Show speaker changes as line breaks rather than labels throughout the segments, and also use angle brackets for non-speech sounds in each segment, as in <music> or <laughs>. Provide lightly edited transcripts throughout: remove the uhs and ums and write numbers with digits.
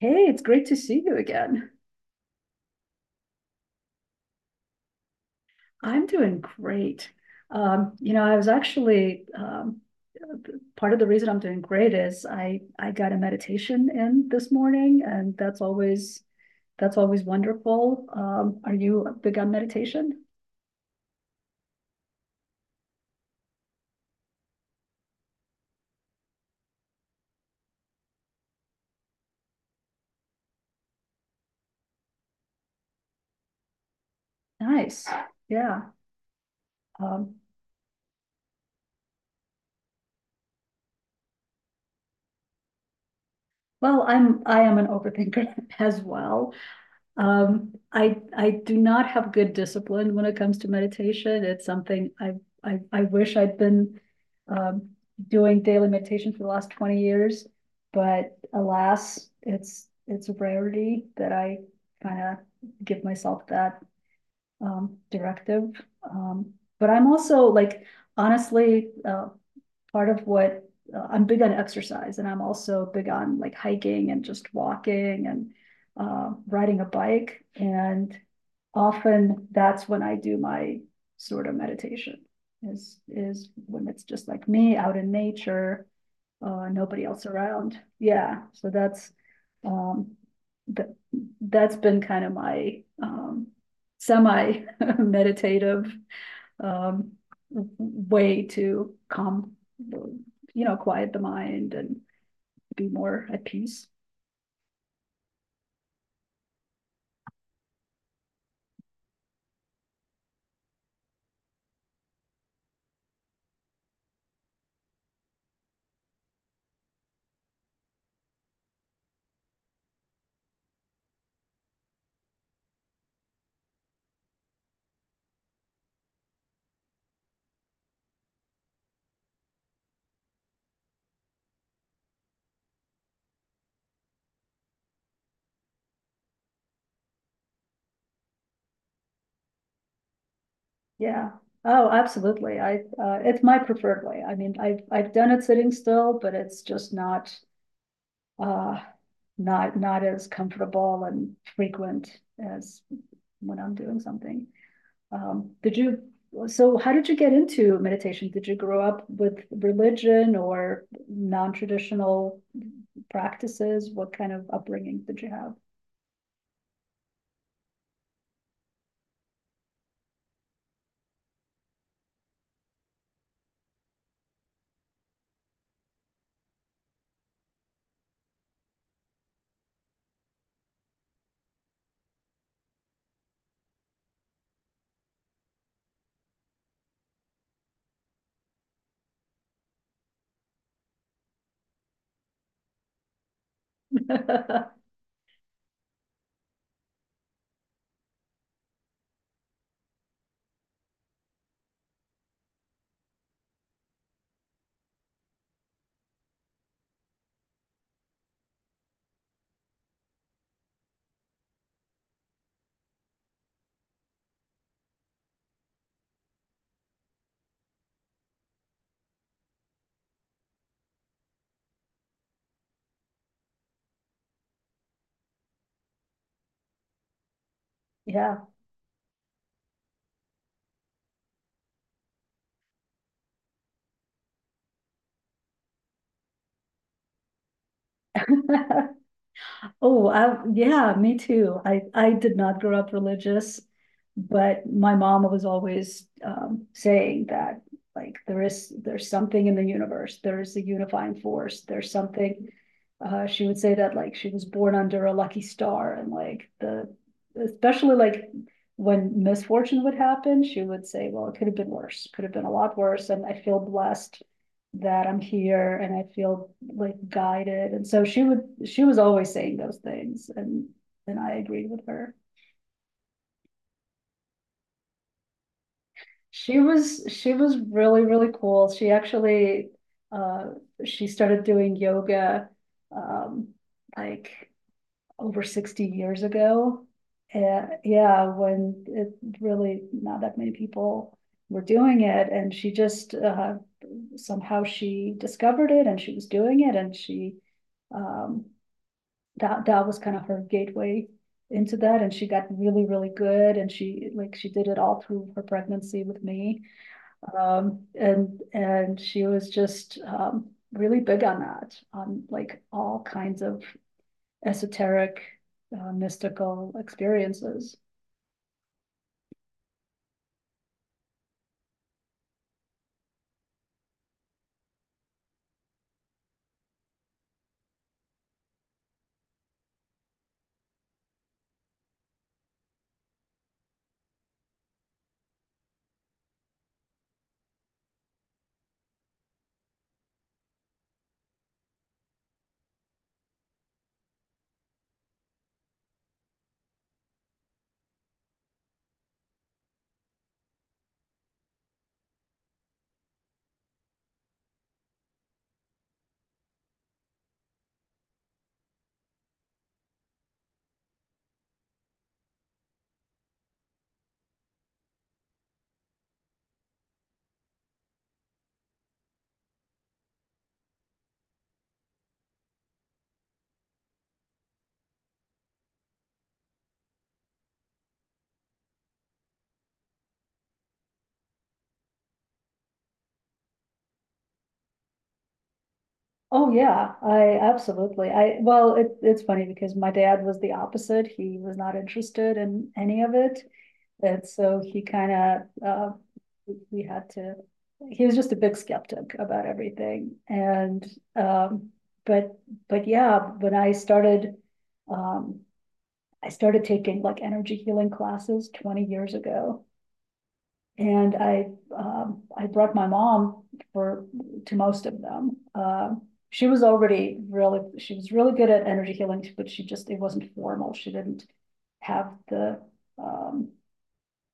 Hey, it's great to see you again. I'm doing great. I was actually part of the reason I'm doing great is I got a meditation in this morning, and that's always wonderful. Are you big on meditation? Nice. Yeah. Um, well, I am an overthinker <laughs> as well. I do not have good discipline when it comes to meditation. It's something I wish I'd been um, doing daily meditation for the last 20 years, but alas, it's a rarity that I kind of give myself that directive. But I'm also like honestly, part of what I'm big on exercise and I'm also big on like hiking and just walking and riding a bike. And often that's when I do my sort of meditation is when it's just like me out in nature, nobody else around. Yeah, so that's um, that that's been kind of my semi <laughs> meditative um, way to calm, quiet the mind and be more at peace. Yeah. Oh, absolutely. I it's my preferred way. I mean, I've done it sitting still, but it's just not uh, not as comfortable and frequent as when I'm doing something. Um, did you, so how did you get into meditation? Did you grow up with religion or non-traditional practices? What kind of upbringing did you have? <laughs> Yeah. <laughs> Yeah, me too. I did not grow up religious, but my mom was always saying that like there's something in the universe. There's a unifying force. There's something. She would say that like she was born under a lucky star, and like the especially like when misfortune would happen, she would say, "Well, it could have been worse. Could have been a lot worse." And I feel blessed that I'm here and I feel like guided. And so she was always saying those things, and I agreed with her. She was really, really cool. She actually uh she started doing yoga um like over 60 years ago. And yeah, when it really not that many people were doing it and she just somehow she discovered it and she was doing it and she um that that was kind of her gateway into that, and she got really, really good, and she did it all through her pregnancy with me, and she was just really big on that, on like all kinds of esoteric mystical experiences. Oh yeah, I absolutely, I well it's funny because my dad was the opposite. He was not interested in any of it. And so he kind of, we- had to, he was just a big skeptic about everything. And, um, but, but yeah, when um, I started taking like energy healing classes 20 years ago. And I brought my mom for to most of them. She was really good at energy healing, but she just, it wasn't formal. She didn't have the, um,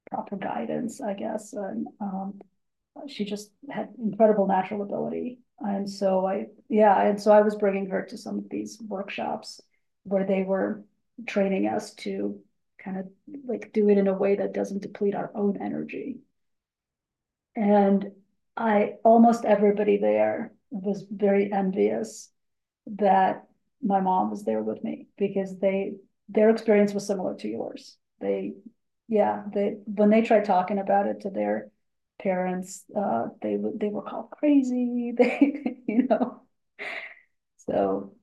proper guidance, I guess, she just had incredible natural ability. Yeah, and so I was bringing her to some of these workshops where they were training us to kind of like do it in a way that doesn't deplete our own energy. And I, almost everybody there was very envious that my mom was there with me because they their experience was similar to yours. They Yeah, they when they tried talking about it to their parents, they were called crazy. <laughs> They, you know, so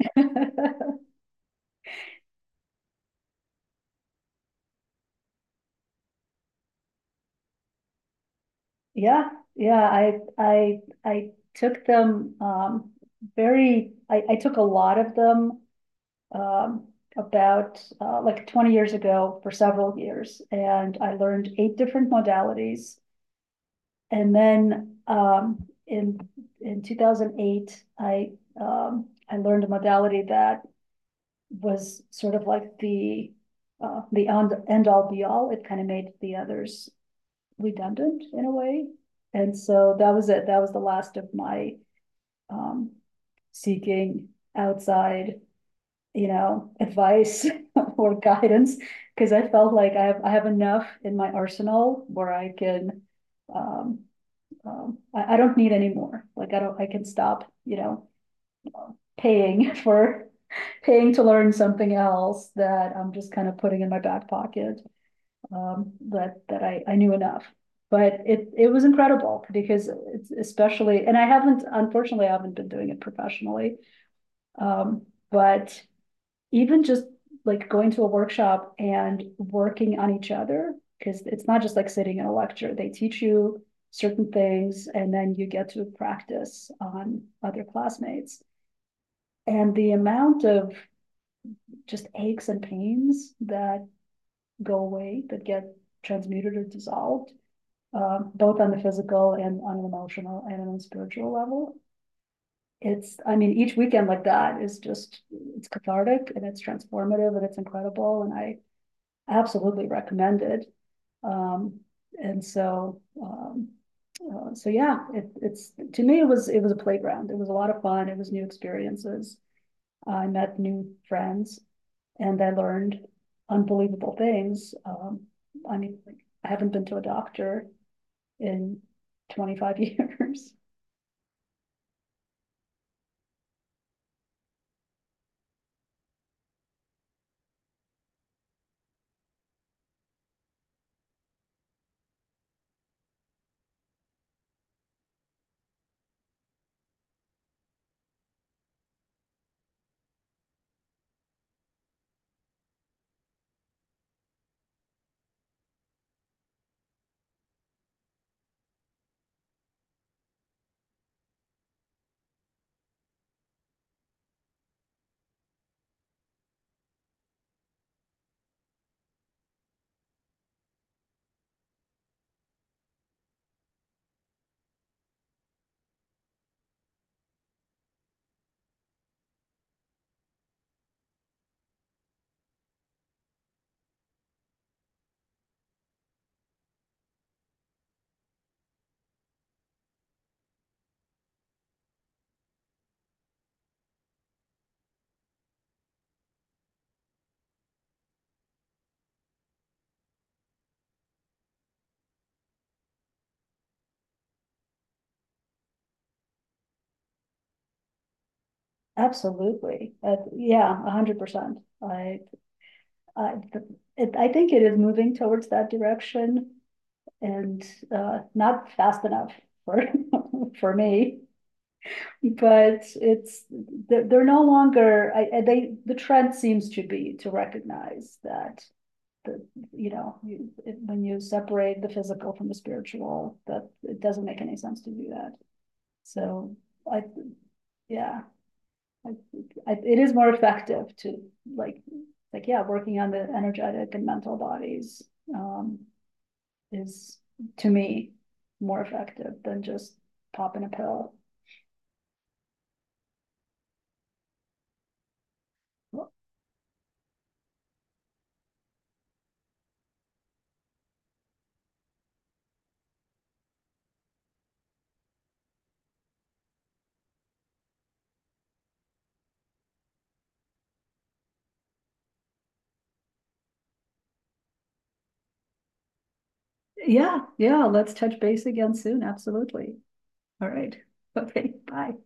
<laughs> yeah yeah, I took them, I took a lot of them um, about like 20 years ago for several years, and I learned eight different modalities. And then, um, in, in 2008, I learned a modality that was sort of like the, end all be all. It kind of made the others redundant in a way. And so that was it. That was the last of my, um, seeking outside, you know, advice <laughs> or guidance. Cause I felt like I have enough in my arsenal where um, I don't need any more. Like I don't, I can stop, you know, paying for, <laughs> paying to learn something else that I'm just kind of putting in my back pocket. I knew enough. But it was incredible because it's especially, and I haven't, unfortunately, I haven't been doing it professionally. Um, but even just like going to a workshop and working on each other, because it's not just like sitting in a lecture. They teach you certain things and then you get to practice on other classmates. And the amount of just aches and pains that go away, that get transmuted or dissolved, both on the physical and on an emotional and on a spiritual level. It's, I mean, each weekend like that is just, it's cathartic and it's transformative and it's incredible. Absolutely recommended. Um, and so, um, so yeah, to me, it was a playground. It was a lot of fun. It was new experiences. I met new friends and I learned unbelievable things. I mean, like, I haven't been to a doctor in 25 years. <laughs> Absolutely. Yeah, 100%. I, I, I think it is moving towards that direction. And not fast enough for <laughs> for me. But it's they're, no longer. I, They the trend seems to be to recognize that the you know, you, when you separate the physical from the spiritual, that it doesn't make any sense to do that. So I Yeah, I, it is more effective to like yeah, working on the energetic and mental bodies. Um, is, to me, more effective than just popping a pill. Yeah, yeah, let's touch base again soon, absolutely. All right, <laughs> okay, bye.